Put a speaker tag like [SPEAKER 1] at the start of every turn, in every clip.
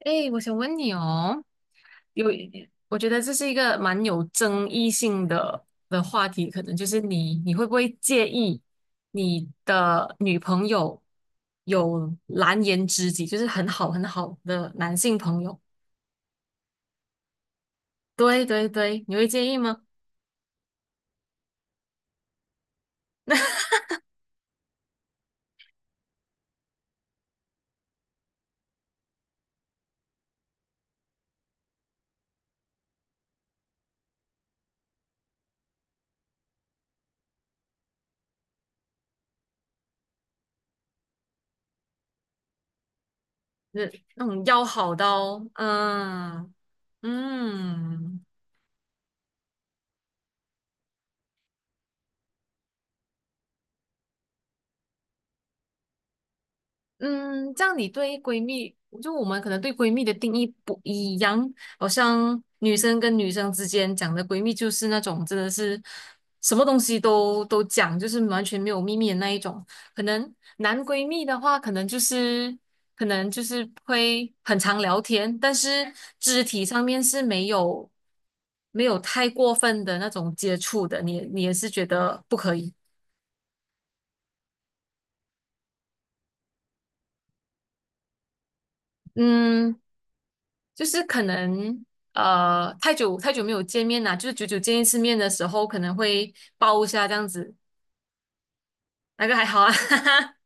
[SPEAKER 1] 哎，我想问你哦，我觉得这是一个蛮有争议性的话题。可能就是你会不会介意你的女朋友有蓝颜知己，就是很好很好的男性朋友？对对对，你会介意吗？就是那种要好到，嗯嗯。嗯，这样你对闺蜜，就我们可能对闺蜜的定义不一样。好像女生跟女生之间讲的闺蜜就是那种真的是什么东西都讲，就是完全没有秘密的那一种。可能男闺蜜的话，可能就是会很常聊天，但是肢体上面是没有太过分的那种接触的，你也是觉得不可以。嗯，就是可能太久太久没有见面啦，就是久久见一次面的时候，可能会抱一下这样子，那个还好啊，哈哈，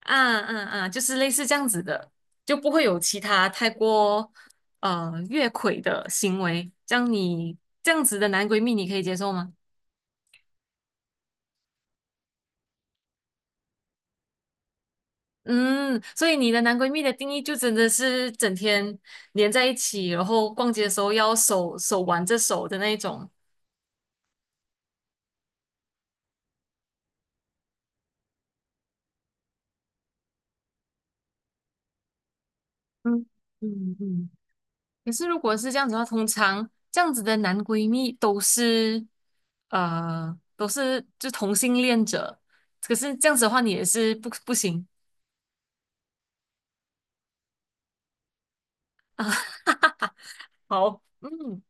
[SPEAKER 1] 啊啊啊，就是类似这样子的，就不会有其他太过越轨的行为。这样子的男闺蜜，你可以接受吗？嗯，所以你的男闺蜜的定义就真的是整天黏在一起，然后逛街的时候要手挽着手的那一种。嗯嗯嗯。可是如果是这样子的话，通常这样子的男闺蜜都是就同性恋者，可是这样子的话你也是不行。好，嗯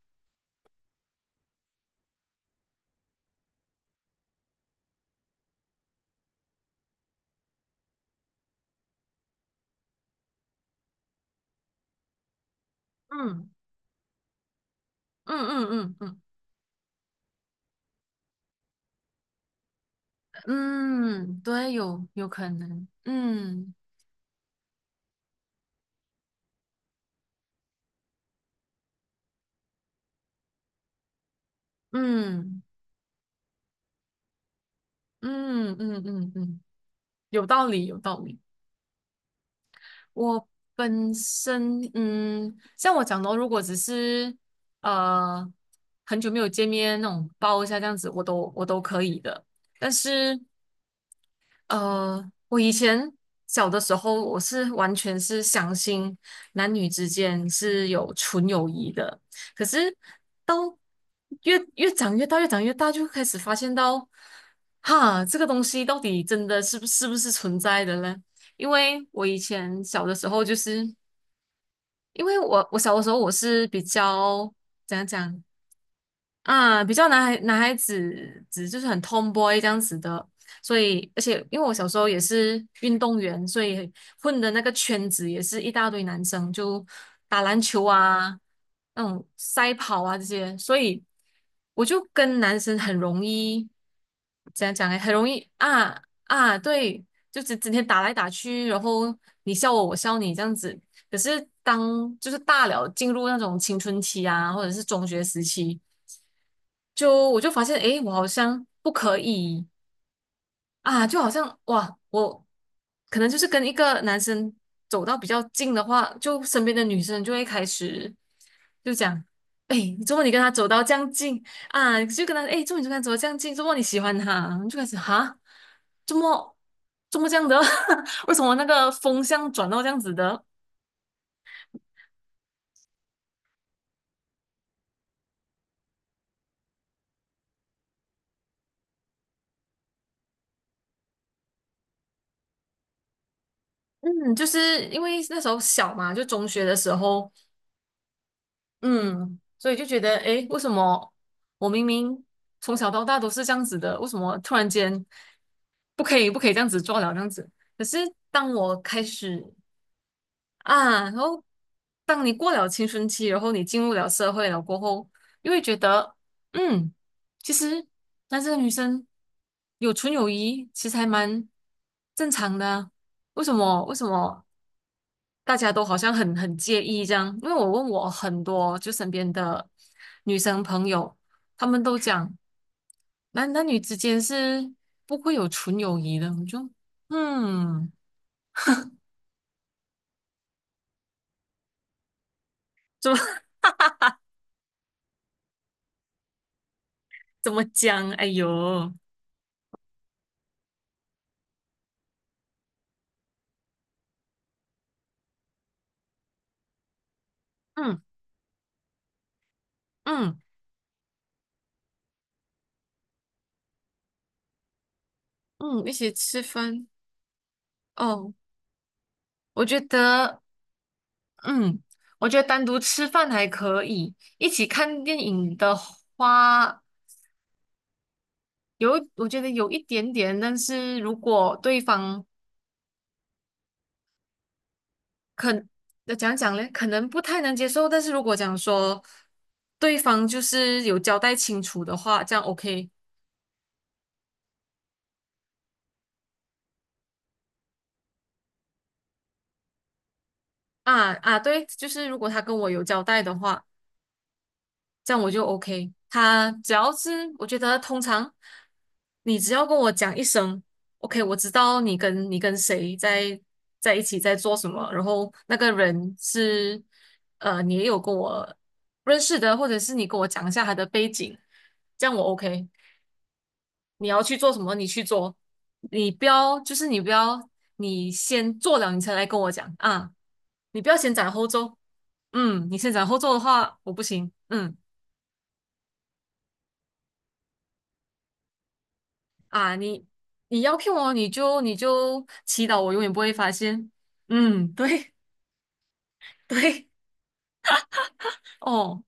[SPEAKER 1] 嗯嗯嗯嗯嗯嗯，对，有可能，嗯嗯嗯嗯嗯嗯，有道理有道理。我本身，嗯，像我讲的哦如果只是呃很久没有见面那种抱一下这样子，我都可以的。但是呃，我以前小的时候，我是完全是相信男女之间是有纯友谊的。可是到越长越大，越长越大，就开始发现到，哈，这个东西到底真的是不是存在的呢？因为我以前小的时候，就是因为我小的时候我是比较怎样讲，啊，比较男孩子就是很 tomboy 这样子的。所以而且因为我小时候也是运动员，所以混的那个圈子也是一大堆男生，就打篮球啊，那种赛跑啊这些，所以我就跟男生很容易怎样讲诶，很容易啊啊，对，就只整天打来打去，然后你笑我，我笑你这样子。可是当就是大了进入那种青春期啊，或者是中学时期。就我就发现，诶，我好像不可以啊，就好像哇，我可能就是跟一个男生走到比较近的话，就身边的女生就会开始就讲，诶，怎么你跟他走到这样近啊？就跟他，诶，怎么你就跟他走到这样近？怎么你喜欢他？就开始哈，怎么怎么这样的？为什么那个风向转到这样子的？嗯，就是因为那时候小嘛，就中学的时候。嗯，所以就觉得，诶，为什么我明明从小到大都是这样子的，为什么突然间不可以这样子做了这样子？可是当我开始啊，然后当你过了青春期，然后你进入了社会了过后，又会觉得，嗯，其实男生和女生有纯友谊，其实还蛮正常的啊。为什么？为什么？大家都好像很介意这样。因为我问我很多就身边的女生朋友，她们都讲男女之间是不会有纯友谊的，我就嗯，怎么 怎么讲？哎呦，嗯嗯嗯，一起吃饭哦，我觉得嗯，我觉得单独吃饭还可以，一起看电影的话。有，我觉得有一点点。但是如果对方可那讲讲嘞，可能不太能接受，但是如果讲说对方就是有交代清楚的话，这样 OK。 啊啊，对，就是如果他跟我有交代的话，这样我就 OK。他只要是我觉得通常你只要跟我讲一声 OK，我知道你跟谁在一起在做什么，然后那个人是你也有跟我认识的，或者是你跟我讲一下他的背景，这样我 OK。你要去做什么，你去做，你不要你先做了你才来跟我讲啊，你不要先斩后奏，嗯，你先斩后奏的话我不行。嗯啊你你要 Q 我你就祈祷我永远不会发现，嗯对 对哦，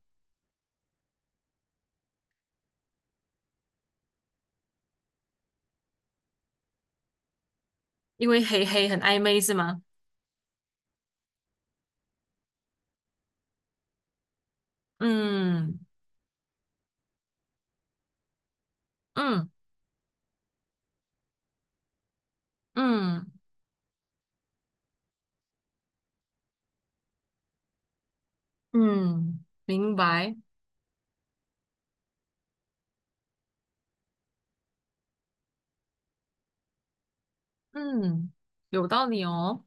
[SPEAKER 1] 因为黑黑很暧昧是吗？嗯嗯嗯嗯，明白，嗯有道理哦，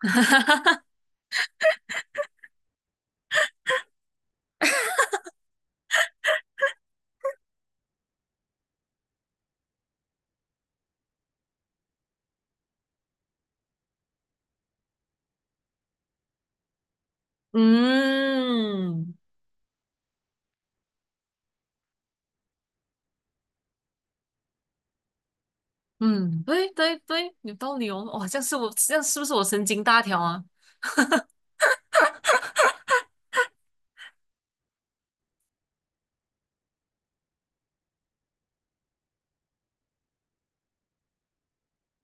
[SPEAKER 1] 嗯。嗯，对对对，有道理哦。哇，这样是不是我神经大条啊？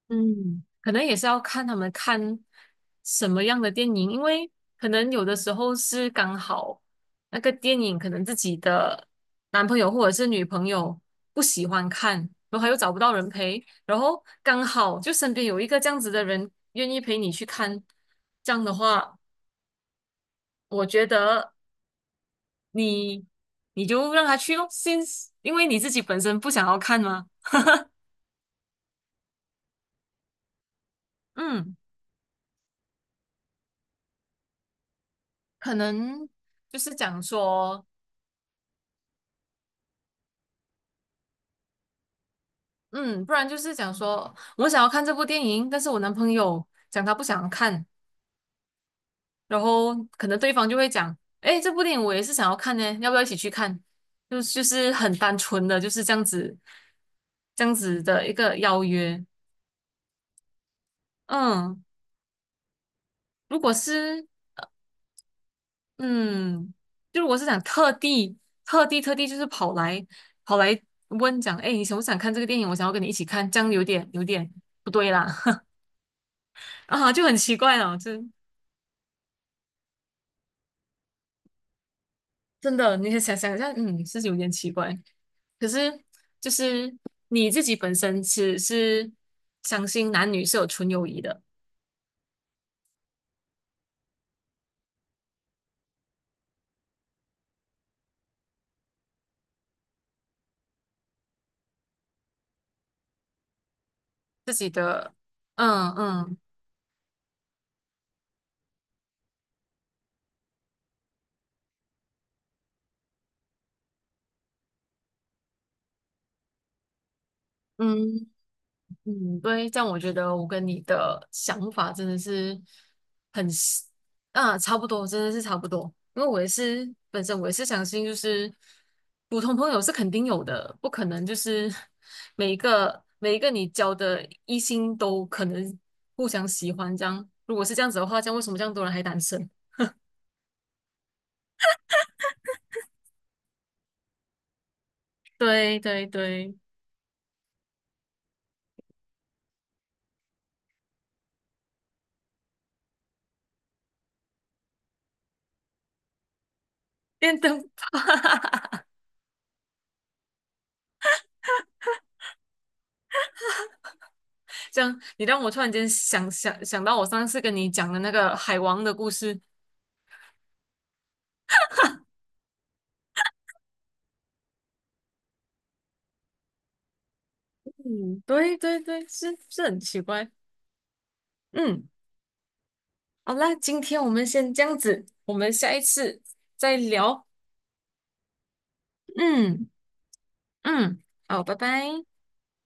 [SPEAKER 1] 嗯可能也是要看他们看什么样的电影，因为可能有的时候是刚好那个电影可能自己的男朋友或者是女朋友不喜欢看，然后他又找不到人陪，然后刚好就身边有一个这样子的人愿意陪你去看，这样的话，我觉得你你就让他去咯，先因为你自己本身不想要看嘛。嗯，可能就是讲说，嗯，不然就是讲说我想要看这部电影，但是我男朋友讲他不想看，然后可能对方就会讲，诶，这部电影我也是想要看呢，要不要一起去看？就是很单纯的就是这样子，这样子的一个邀约。嗯，如果是嗯，就如果是想特地就是跑来问讲，诶，你想不想看这个电影？我想要跟你一起看，这样有点有点不对啦。啊，就很奇怪了，真的，你想想一下，嗯，是有点奇怪。可是就是你自己本身是相信男女是有纯友谊的，自己的，嗯嗯嗯，嗯，对，这样我觉得我跟你的想法真的是很是，啊，差不多。真的是差不多。因为我也是相信，就是普通朋友是肯定有的。不可能就是 每一个你交的异性都可能互相喜欢这样。如果是这样子的话，这样为什么这样多人还单身？对对对，电灯，这样你让我突然间想到我上次跟你讲的那个海王的故事。嗯，对对对，是很奇怪。嗯，好啦，今天我们先这样子，我们下一次再聊。嗯嗯，好，拜拜。